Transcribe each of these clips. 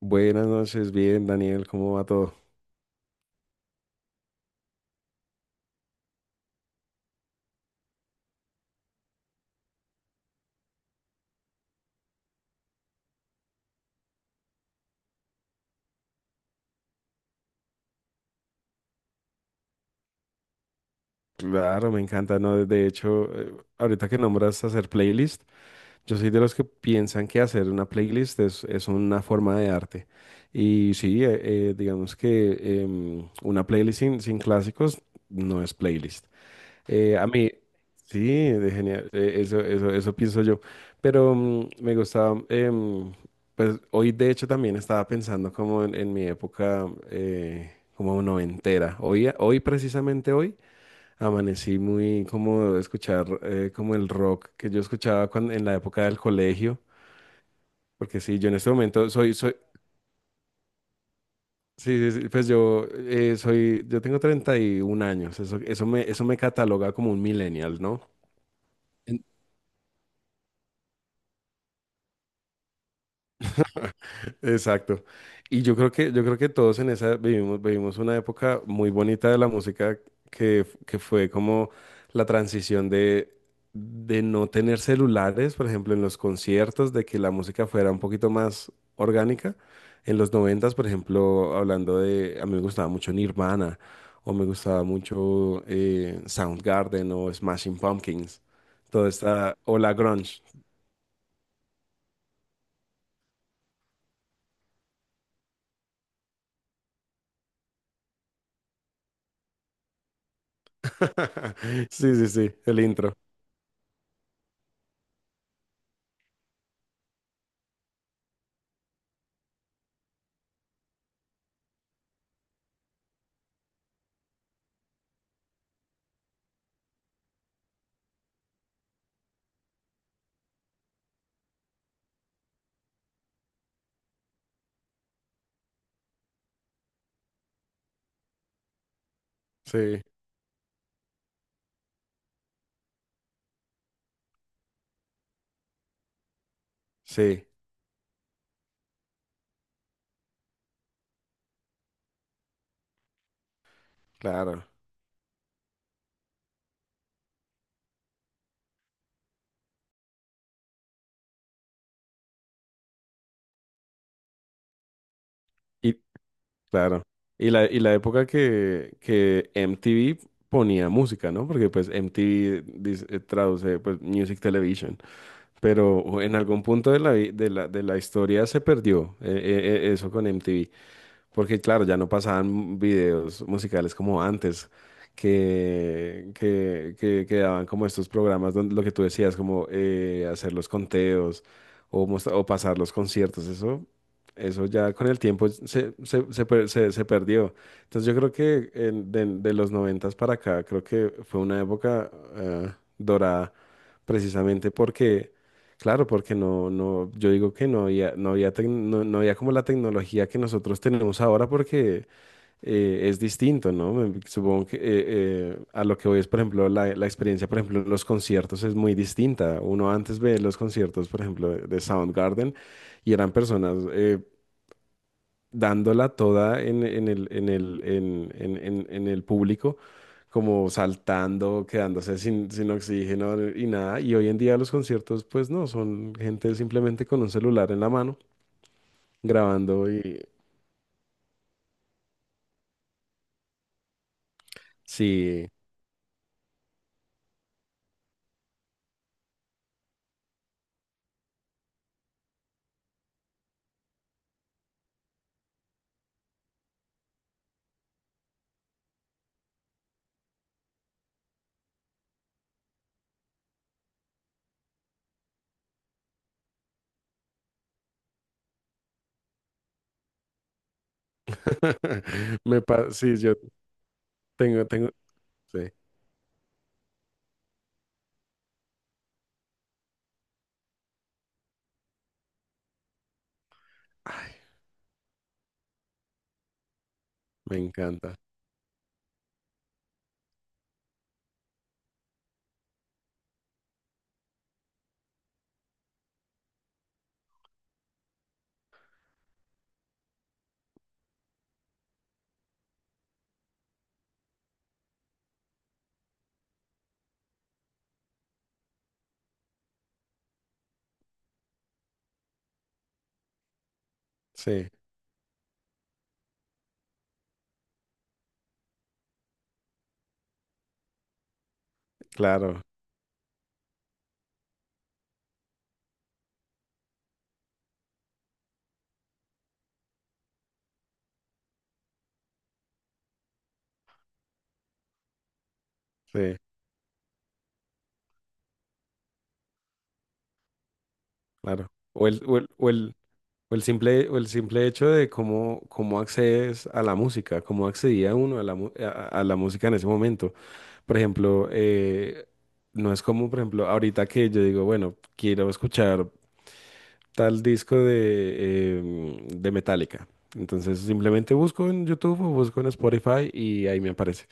Buenas noches, bien, Daniel, ¿cómo va todo? Claro, me encanta, ¿no? De hecho, ahorita que nombras hacer playlist, yo soy de los que piensan que hacer una playlist es una forma de arte. Y sí, digamos que una playlist sin clásicos no es playlist. A mí, sí, de genial, Eso pienso yo. Pero me gustaba, pues hoy de hecho también estaba pensando como en mi época como noventera. Hoy precisamente hoy amanecí muy como de escuchar como el rock que yo escuchaba cuando, en la época del colegio. Porque sí, yo en este momento soy, soy, sí, sí, sí, pues yo soy, yo tengo 31 años. Eso me cataloga como un millennial, ¿no? En- Exacto. Y yo creo que todos en esa vivimos una época muy bonita de la música que fue como la transición de no tener celulares, por ejemplo, en los conciertos, de que la música fuera un poquito más orgánica. En los noventas, por ejemplo, hablando de, a mí me gustaba mucho Nirvana, o me gustaba mucho Soundgarden o Smashing Pumpkins, toda esta, o la grunge. Sí, sí, sí, el intro. Sí, sí. Claro, y claro. Y la época que MTV ponía música, ¿no? Porque pues MTV traduce pues Music Television. Pero en algún punto de la, vi- de la historia se perdió eso con MTV. Porque claro, ya no pasaban videos musicales como antes, que daban como estos programas donde lo que tú decías, como hacer los conteos o pasar los conciertos, eso ya con el tiempo se perdió. Entonces yo creo que de los noventas para acá, creo que fue una época eh, dorada precisamente porque. Claro, porque yo digo que no había como la tecnología que nosotros tenemos ahora porque es distinto, ¿no? Supongo que a lo que voy es, por ejemplo, la experiencia, por ejemplo, en los conciertos es muy distinta. Uno antes ve los conciertos, por ejemplo, de Soundgarden y eran personas, dándola toda en el, en el, en el público, como saltando, quedándose sin oxígeno y nada. Y hoy en día los conciertos, pues no, son gente simplemente con un celular en la mano, grabando y sí, sí, yo tengo, tengo, sí, ay, me encanta, sí, claro, sí, claro. O el, o el, o el- o el simple hecho de cómo, cómo accedes a la música, cómo accedía uno a la música en ese momento. Por ejemplo, no es como, por ejemplo, ahorita que yo digo, bueno, quiero escuchar tal disco de, de Metallica. Entonces simplemente busco en YouTube o busco en Spotify y ahí me aparece.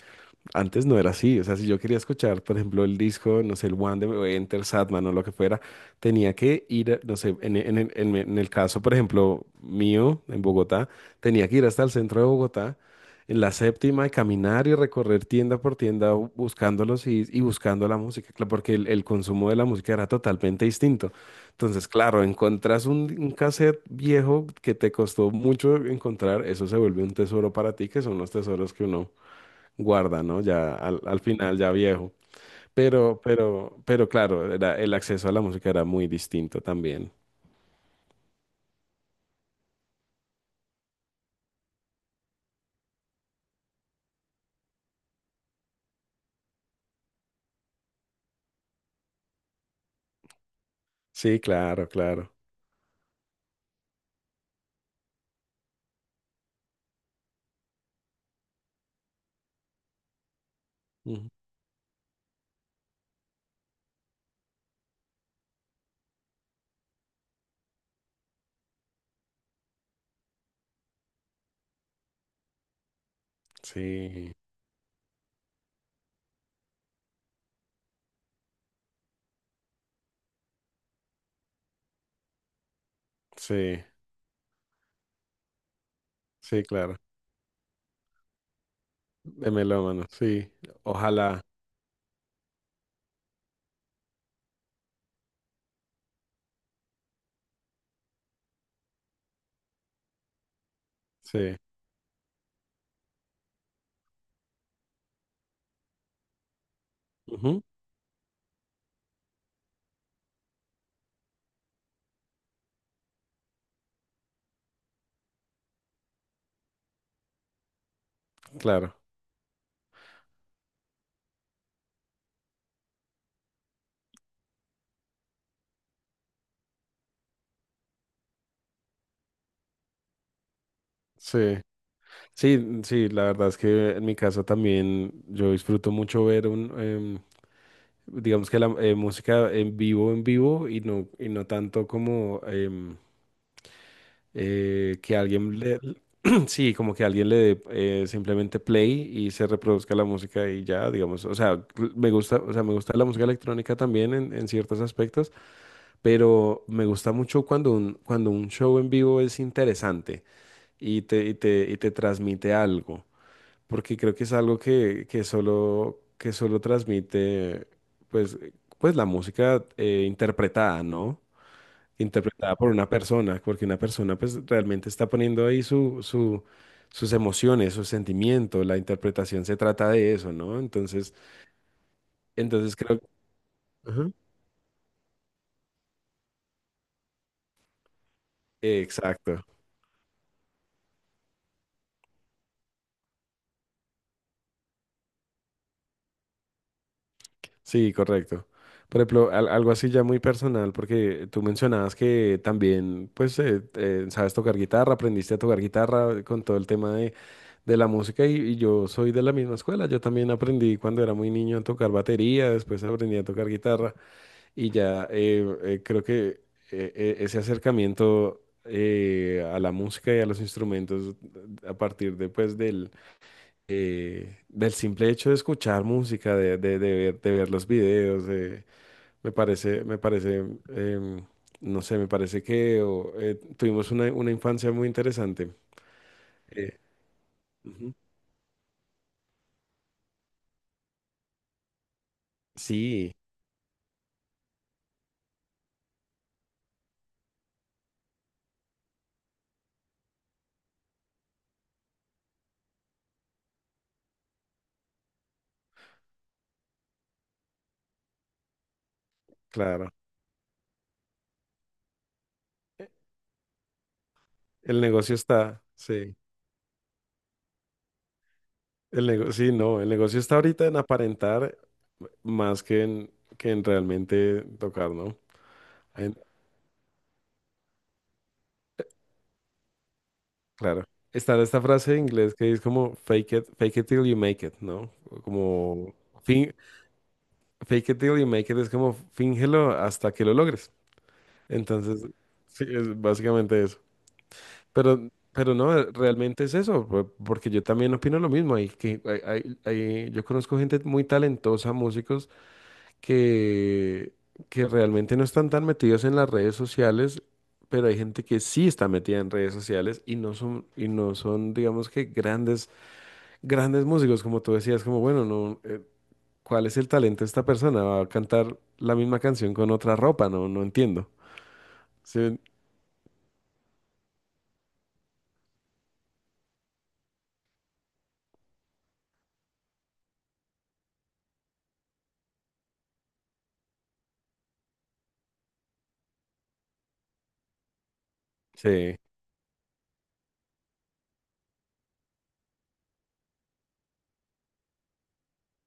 Antes no era así, o sea, si yo quería escuchar, por ejemplo, el disco, no sé, el One de Enter Satman o lo que fuera, tenía que ir, no sé, en el caso, por ejemplo, mío, en Bogotá, tenía que ir hasta el centro de Bogotá, en la séptima, y caminar y recorrer tienda por tienda buscándolos y buscando la música, porque el consumo de la música era totalmente distinto. Entonces, claro, encontrás un cassette viejo que te costó mucho encontrar, eso se vuelve un tesoro para ti, que son los tesoros que uno guarda, ¿no? Ya al, al final, ya viejo. Pero claro, era, el acceso a la música era muy distinto también. Sí, claro, claro. Ujú. Sí, sí, sí, claro. De melómano, sí. Ojalá, sí. Ujú, claro, sí. Sí, sí, la verdad es que en mi caso también yo disfruto mucho ver un, digamos que la música en vivo y no tanto como que alguien le, sí, como que alguien le dé simplemente play y se reproduzca la música y ya, digamos, o sea, me gusta, o sea, me gusta la música electrónica también en ciertos aspectos, pero me gusta mucho cuando un show en vivo es interesante y te transmite algo porque creo que es algo que solo transmite, pues, pues la música interpretada, ¿no? Interpretada por una persona, porque una persona pues realmente está poniendo ahí sus emociones, sus sentimientos, la interpretación se trata de eso, ¿no? Entonces creo. Ujú. Exacto. Sí, correcto. Por ejemplo, algo así ya muy personal, porque tú mencionabas que también, pues, sabes tocar guitarra, aprendiste a tocar guitarra con todo el tema de la música y yo soy de la misma escuela. Yo también aprendí cuando era muy niño a tocar batería, después aprendí a tocar guitarra y ya creo que ese acercamiento a la música y a los instrumentos a partir después del simple hecho de escuchar música, de ver los videos, me parece, me parece, em, no sé, me parece que o, tuvimos una infancia muy interesante. Eh, ujú. Sí, claro. El negocio está, sí. El negocio, sí, no, el negocio está ahorita en aparentar más que que en realmente tocar, ¿no? En- claro. Está esta frase en inglés que es como fake it till you make it, ¿no? Como fin, Fake it till you make it es como fíngelo hasta que lo logres. Entonces, sí, es básicamente eso. Pero no, realmente es eso, porque yo también opino lo mismo. Hay que, hay- hay- yo conozco gente muy talentosa, músicos, que, que realmente no están tan metidos en las redes sociales, pero hay gente que sí está metida en redes sociales y no son, digamos que grandes músicos, como tú decías, como bueno, no. ¿Cuál es el talento de esta persona? Va a cantar la misma canción con otra ropa, no, no entiendo. Sí, sí,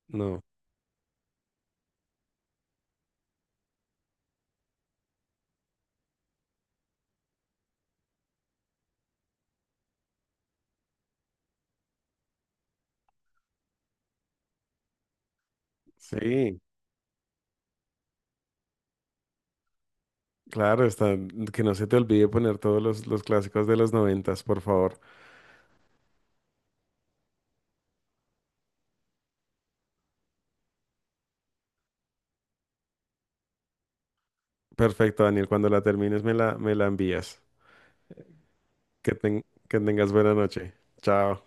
no. Sí, claro, está, que no se te olvide poner todos los clásicos de los noventas, por favor. Perfecto, Daniel, cuando la termines me la envías. Que tengas buena noche. Chao.